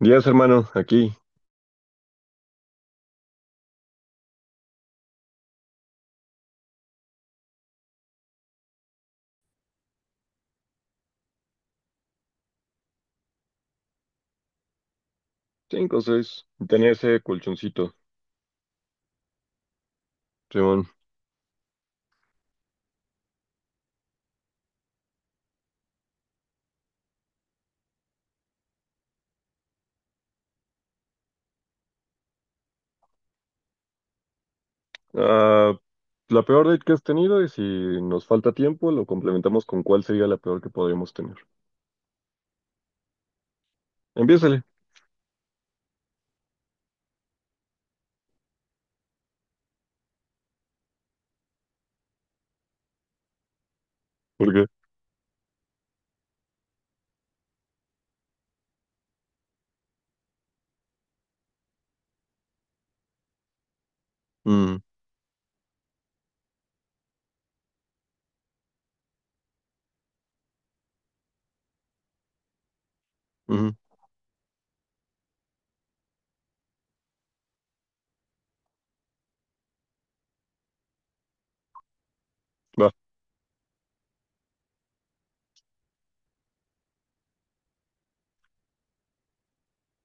Días, hermano, aquí. Cinco, seis. Tenía ese colchoncito. Simón. Ah, la peor date que has tenido, y si nos falta tiempo, lo complementamos con cuál sería la peor que podríamos tener. Empiézale. ¿Por qué? Mm. Ujú. Va.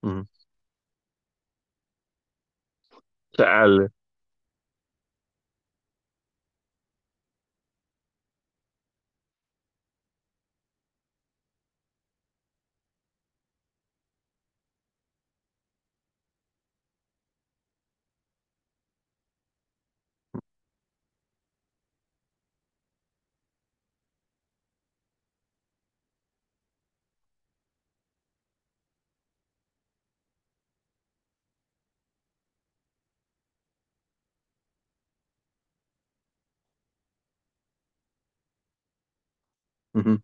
Ujú. Chale. Ujú,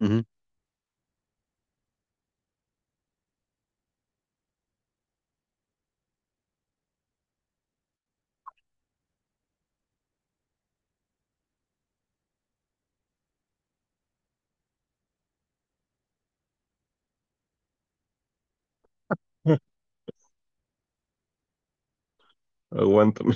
ujú. Aguántame.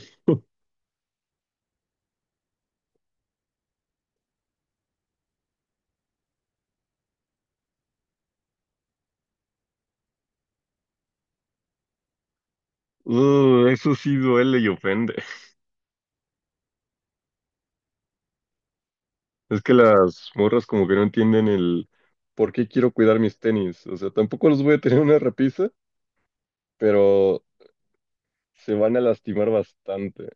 Eso sí duele y ofende. Es que las morras como que no entienden el por qué quiero cuidar mis tenis. O sea, tampoco los voy a tener en una repisa, pero se van a lastimar bastante.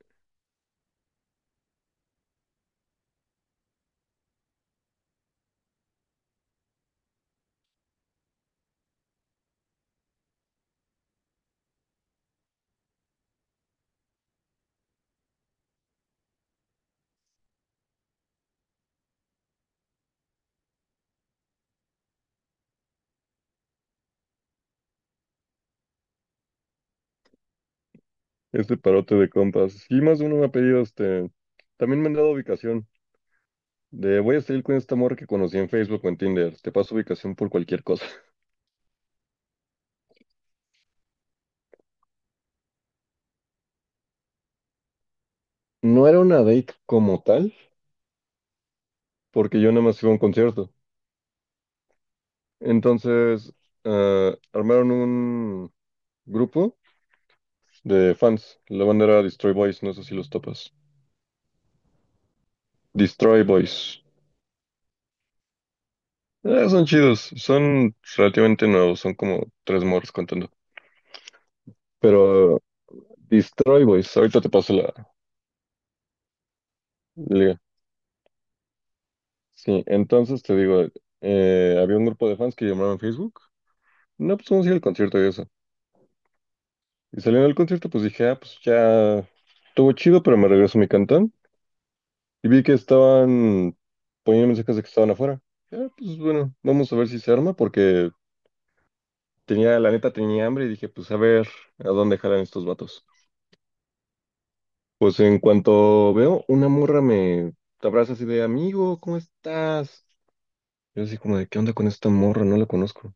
Este parote de compas. Sí, más de uno me ha pedido este. También me han dado ubicación. De voy a salir con esta morra que conocí en Facebook o en Tinder. Te paso ubicación por cualquier cosa. No era una date como tal, porque yo nada más iba a un concierto. Entonces, armaron un grupo de fans. La banda era Destroy Boys, no sé si los topas. Destroy Boys. Son chidos, son relativamente nuevos, son como tres morros contando. Pero Destroy Boys, ahorita te paso la, sí, entonces te digo, había un grupo de fans que llamaron en Facebook. No, pues vamos a ir al concierto y eso. Y saliendo del concierto, pues dije, ah, pues ya estuvo chido, pero me regreso a mi cantón. Y vi que estaban poniendo mensajes de que estaban afuera. Ah, pues bueno, vamos a ver si se arma, porque tenía, la neta tenía hambre y dije, pues a ver a dónde jalan estos vatos. Pues en cuanto veo, una morra me abraza así de, amigo, ¿cómo estás? Yo así como de, ¿qué onda con esta morra? No la conozco.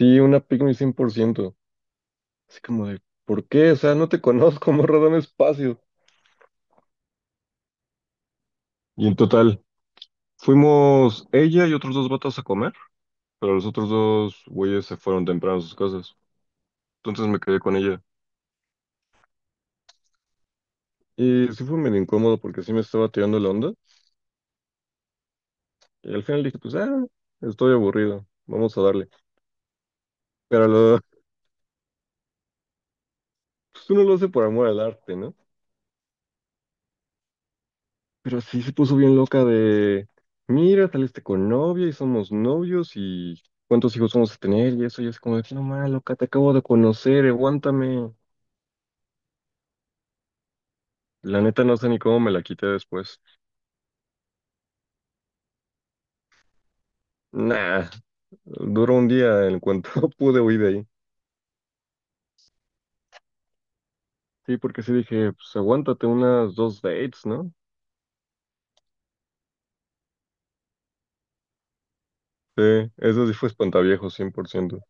Sí, una pygmy 100%. Así como de, ¿por qué? O sea, no te conozco, morra, dame espacio. Y en total, fuimos ella y otros dos vatos a comer, pero los otros dos güeyes se fueron temprano a sus casas. Entonces me quedé con ella. Y sí fue medio incómodo porque sí me estaba tirando la onda. Y al final dije, pues, estoy aburrido, vamos a darle. Pero lo, pues uno lo hace por amor al arte, ¿no? Pero sí se puso bien loca de, mira, saliste con novia y somos novios y cuántos hijos vamos a tener y eso. Y es como de, "Sí, no mal, loca, te acabo de conocer, aguántame". La neta no sé ni cómo me la quité después. Nah, duró un día en cuanto pude huir de ahí. Sí, porque sí dije, pues aguántate unas dos dates, ¿no? Sí, eso sí fue espantaviejo, 100%.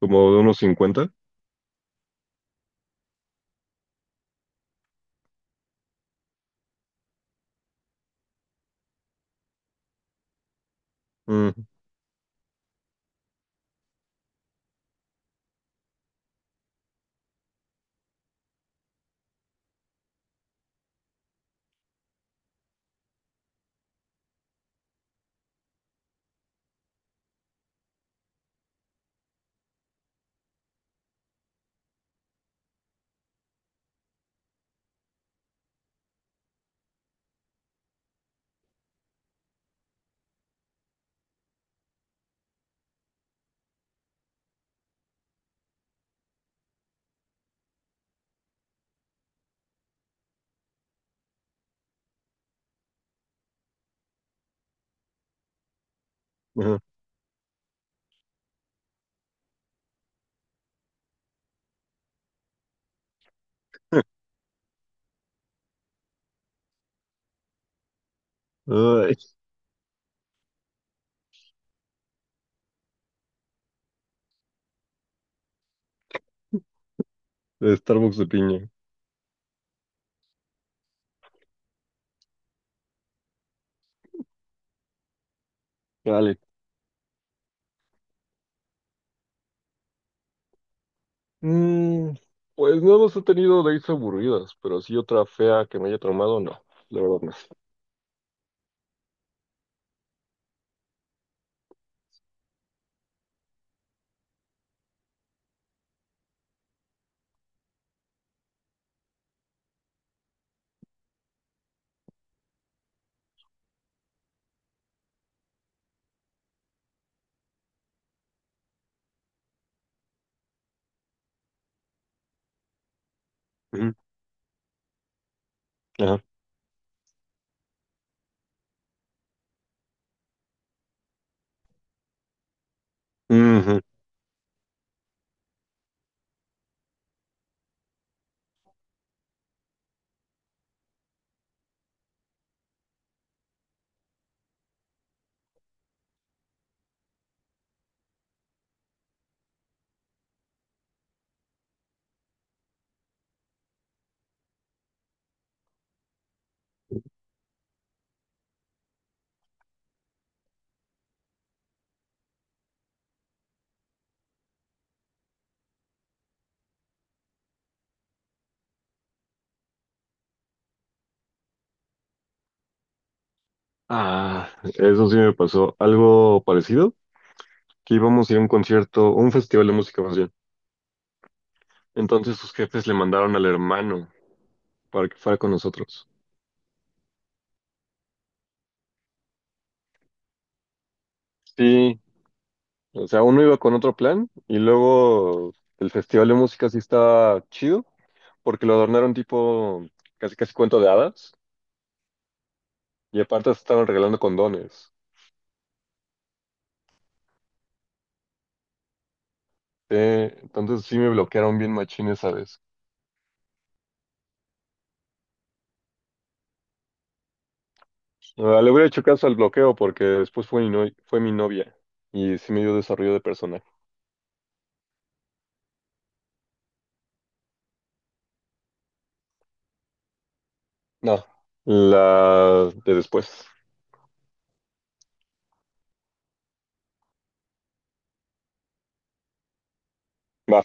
Como de unos 50. Mm. Ajá. Ay, de Starbucks de piña. Vale. Mm, pues no más he tenido dates aburridas, pero sí otra fea que me haya traumado, no, la verdad no. Ujú, ajá, ujú. Ah, eso sí me pasó. Algo parecido, que íbamos a ir a un concierto, un festival de música más bien. Entonces sus jefes le mandaron al hermano para que fuera con nosotros. Sí, o sea, uno iba con otro plan y luego el festival de música sí estaba chido porque lo adornaron tipo casi casi cuento de hadas y aparte estaban regalando condones. Entonces sí me bloquearon bien machín esa vez. Ah, le hubiera hecho caso al bloqueo porque después fue mi, no- fue mi novia y sí me dio desarrollo de personaje. No, la de después. Va.